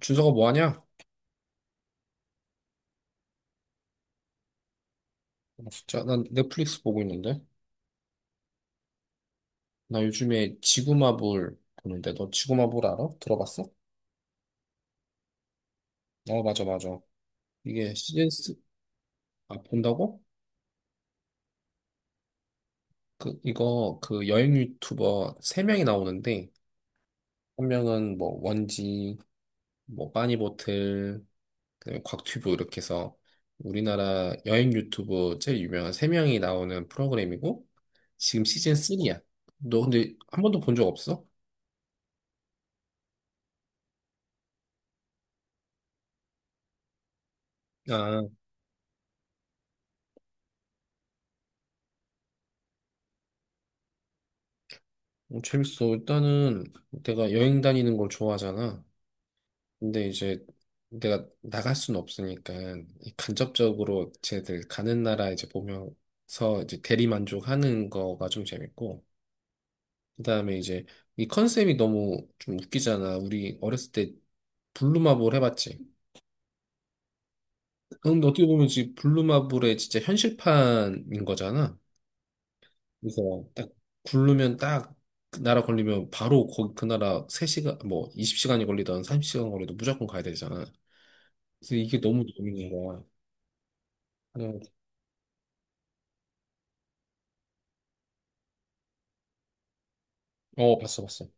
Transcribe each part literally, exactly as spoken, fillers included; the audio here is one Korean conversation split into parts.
준서가 뭐 하냐? 진짜 난 넷플릭스 보고 있는데. 나 요즘에 지구마블 보는데 너 지구마블 알아? 들어봤어? 어, 맞아, 맞아. 이게 시즌 쓰 아, 본다고? 그 이거 그 여행 유튜버 세 명이 나오는데 한 명은 뭐 원지, 뭐 빠니보틀, 그다음에 곽튜브 이렇게 해서 우리나라 여행 유튜브 제일 유명한 세 명이 나오는 프로그램이고 지금 시즌 삼이야. 너 근데 한 번도 본 적 없어? 아, 어, 재밌어. 일단은 내가 여행 다니는 걸 좋아하잖아. 근데 이제 내가 나갈 수는 없으니까 이 간접적으로 쟤들 가는 나라 이제 보면서 이제 대리만족하는 거가 좀 재밌고, 그다음에 이제 이 컨셉이 너무 좀 웃기잖아. 우리 어렸을 때 블루마블 해봤지. 근데 어떻게 보면 지금 블루마블의 진짜 현실판인 거잖아. 그래서 딱 굴르면 딱그 나라 걸리면 바로 거기 그 나라 세 시간 뭐 이십 시간이 걸리든 삼십 시간 걸리든 무조건 가야 되잖아. 그래서 이게 너무 재밌는 거야. 그냥. 어, 봤어 봤어.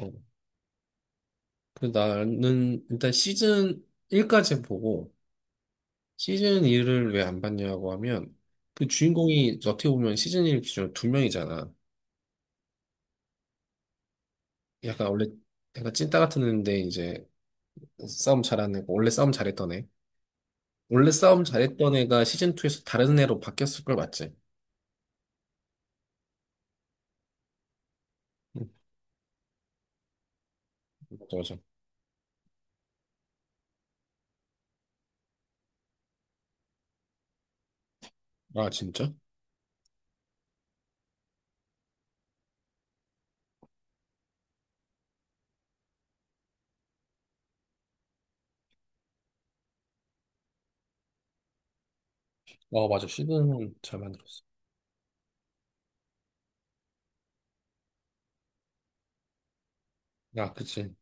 어. 그 나는 일단 시즌 일까지 보고 시즌 이를 왜 안 봤냐고 하면, 그 주인공이 어떻게 보면 시즌 일 기준으로 두 명이잖아. 약간 원래 약간 찐따 같은 애인데 이제 싸움 잘하는 애고, 원래 싸움 잘했던 애. 원래 싸움 잘했던 애가 시즌 이에서 다른 애로 바뀌었을 걸, 맞지? 맞아, 맞아. 아, 진짜? 어, 맞아. 시드는 잘 만들었어. 아, 그치.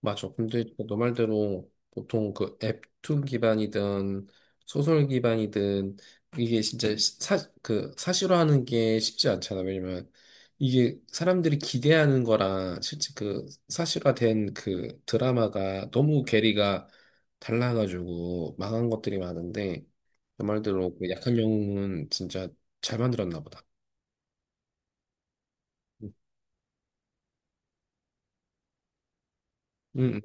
맞아. 근데 너 말대로 보통 그 앱이 기반이든 소설 기반이든, 이게 진짜 시- 사, 그 사실화하는 게 쉽지 않잖아. 왜냐면 이게 사람들이 기대하는 거랑 실제 그 사실화된 그 드라마가 너무 괴리가 달라가지고 망한 것들이 많은데, 너 말대로 그 약한 영웅은 진짜 잘 만들었나 보다. 응. 응,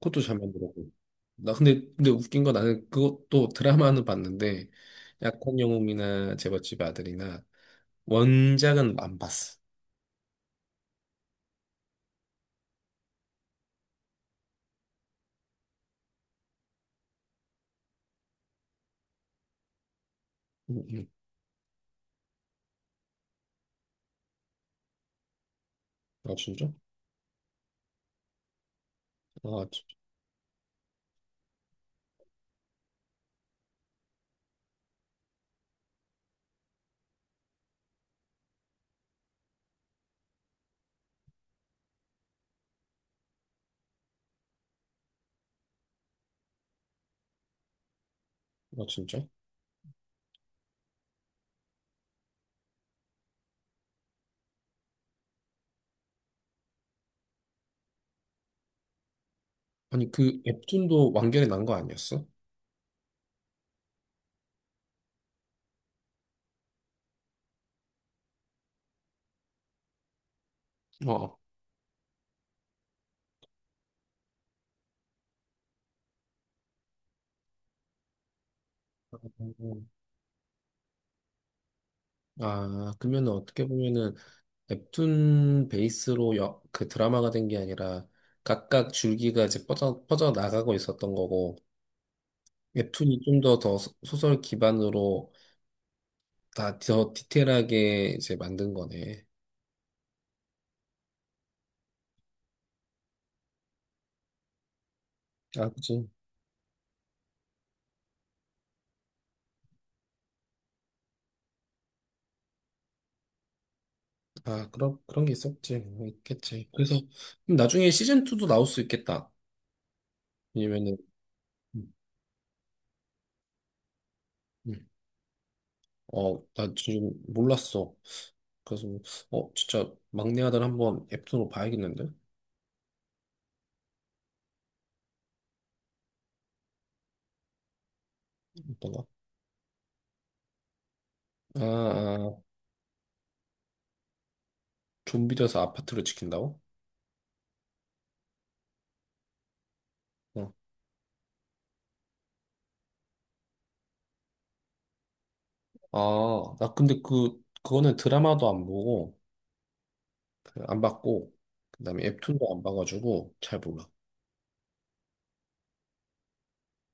그것도 잘 만들었고. 나 근데 근데 웃긴 건, 나는 그것도 드라마는 봤는데 약혼 영웅이나 제멋집 아들이나 원작은 안 봤어. 응. 음. 아, 진짜? 아, 진- 아, 진짜? 아니, 그 웹툰도 완결이 난 거 아니었어? 어. 음. 아, 그러면 어떻게 보면은 웹툰 베이스로 여, 그 드라마가 된 게 아니라 각각 줄기가 이제 뻗어 뻗어 나가고 있었던 거고, 웹툰이 좀 더 더 소설 기반으로 다 더 디테일하게 이제 만든 거네. 아, 그치. 아, 그런, 그런 게 있었지. 뭐 있겠지. 그래서 그럼 나중에 시즌이도 나올 수 있겠다. 왜냐면은, 음, 음. 어, 나 지금 몰랐어. 그래서 어, 진짜 막내 아들 한번 앱으로 봐야겠는데? 어떤가? 아, 아, 좀비 돼서 아파트를 지킨다고? 어. 아, 나 근데 그, 그거는 드라마도 안 보고, 그안 봤고, 그 다음에 앱툰도 안 봐가지고 잘 몰라.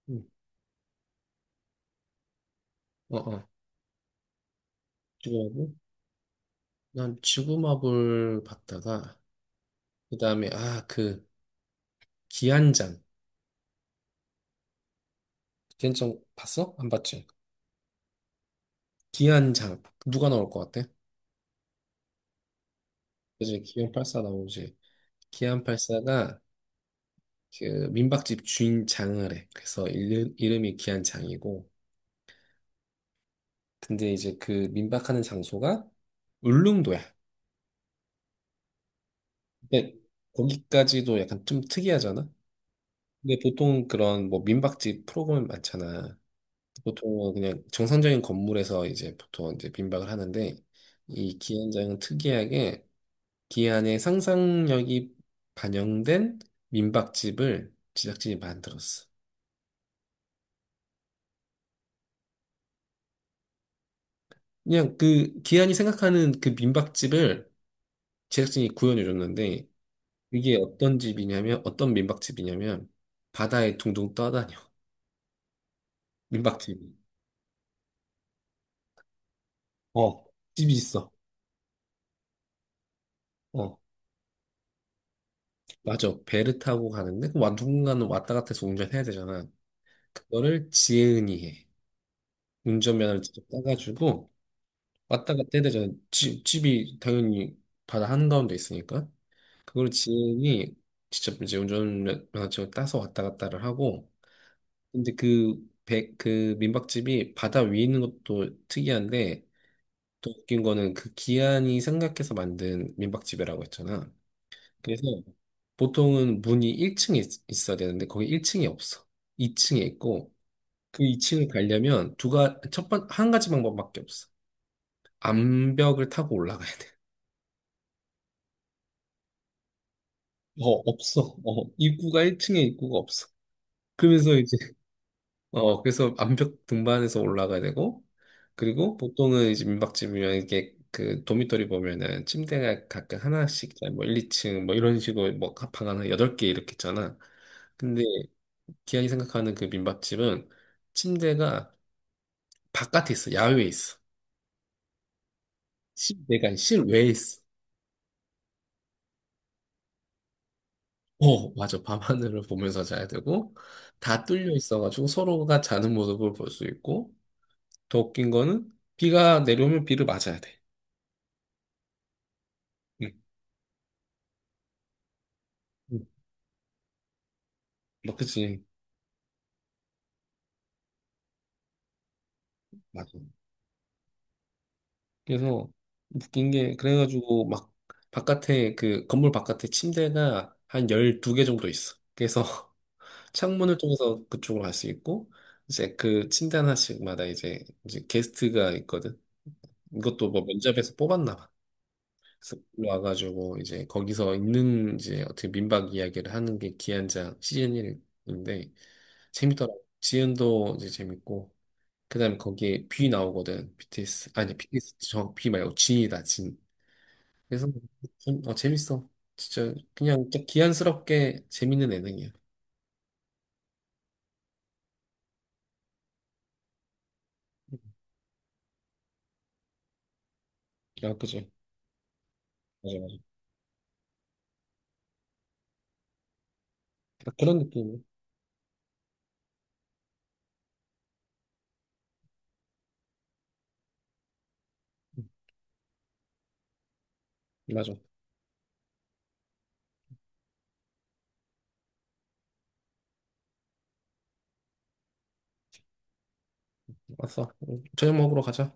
응. 어, 어. 지금 난 지구마블 봤다가 그다음에, 아, 그 기안장. 걔는 좀 봤어? 안 봤지? 기안장 누가 나올 것 같아? 그지, 기안 팔십사 나오지. 기안 팔십사가 그 민박집 주인장을 해. 그래서 이름, 이름이 기안장이고, 근데 이제 그 민박하는 장소가 울릉도야. 근데 거기까지도 약간 좀 특이하잖아. 근데 보통 그런 뭐 민박집 프로그램 많잖아. 보통은 그냥 정상적인 건물에서 이제 보통 이제 빈박을 하는데, 이 기안장은 특이하게 기안의 상상력이 반영된 민박집을 제작진이 만들었어. 그냥 그 기안이 생각하는 그 민박집을 제작진이 구현해 줬는데, 이게 어떤 집이냐면, 어떤 민박집이냐면 바다에 둥둥 떠다녀. 민박집. 어. 집이 있어. 어. 맞아. 배를 타고 가는데, 와, 누군가는 왔다 갔다 해서 운전해야 되잖아. 그거를 지혜은이 해. 운전면허를 직접 따가지고 왔다 갔다 해야 되잖아. 집, 집이 당연히 바다 한가운데 있으니까. 그걸 지인이 직접 이제 운전면허증을 따서 왔다 갔다를 하고, 근데 그, 배, 그 민박집이 바다 위에 있는 것도 특이한데, 또 웃긴 거는 그 기한이 생각해서 만든 민박집이라고 했잖아. 그래서 보통은 문이 일 층에 있, 있어야 되는데 거기 일 층이 없어. 이 층에 있고, 그 이 층을 가려면 두 가, 첫 번, 한 가지 방법밖에 없어. 암벽을 타고 올라가야 돼. 어, 없어. 어, 입구가 일 층에 입구가 없어. 그래서 이제, 어, 그래서 암벽 등반해서 올라가야 되고, 그리고 보통은 이제 민박집이면 이게 그 도미토리 보면은 침대가 각각 하나씩, 뭐 일, 이 층 뭐 이런 식으로 뭐 방 하나 여덟 개 이렇게 있잖아. 근데 기왕이 생각하는 그 민박집은 침대가 바깥에 있어. 야외에 있어. 실내가 아니라 실외에 있어. 어, 맞아. 밤하늘을 보면서 자야 되고, 다 뚫려 있어가지고 서로가 자는 모습을 볼 수 있고, 더 웃긴 거는 비가 내려오면 비를 맞아야 돼. 응. 응. 막, 그치. 맞아. 그래서 웃긴 게, 그래가지고 막 바깥에, 그 건물 바깥에 침대가 한 열두 개 정도 있어. 그래서 창문을 통해서 그쪽으로 갈 수 있고, 이제 그 침대 하나씩마다 이제, 이제 게스트가 있거든. 이것도 뭐 면접에서 뽑았나 봐. 그래서 와가지고 이제 거기서 있는 이제 어떻게 민박 이야기를 하는 게 기한장 시즌 일인데 재밌더라고. 지은도 이제 재밌고, 그다음에 거기에 뷔 나오거든. 비티에스. 아니, 비티에스 저뷔 말고 진이다 진. 그래서 좀, 어, 재밌어. 진짜 그냥 딱 기한스럽게 재밌는 예능이야. 아, 그지? 맞아, 맞아. 딱 그런 느낌이야. 응, 맞아. 왔어. 응, 저녁 먹으러 가자.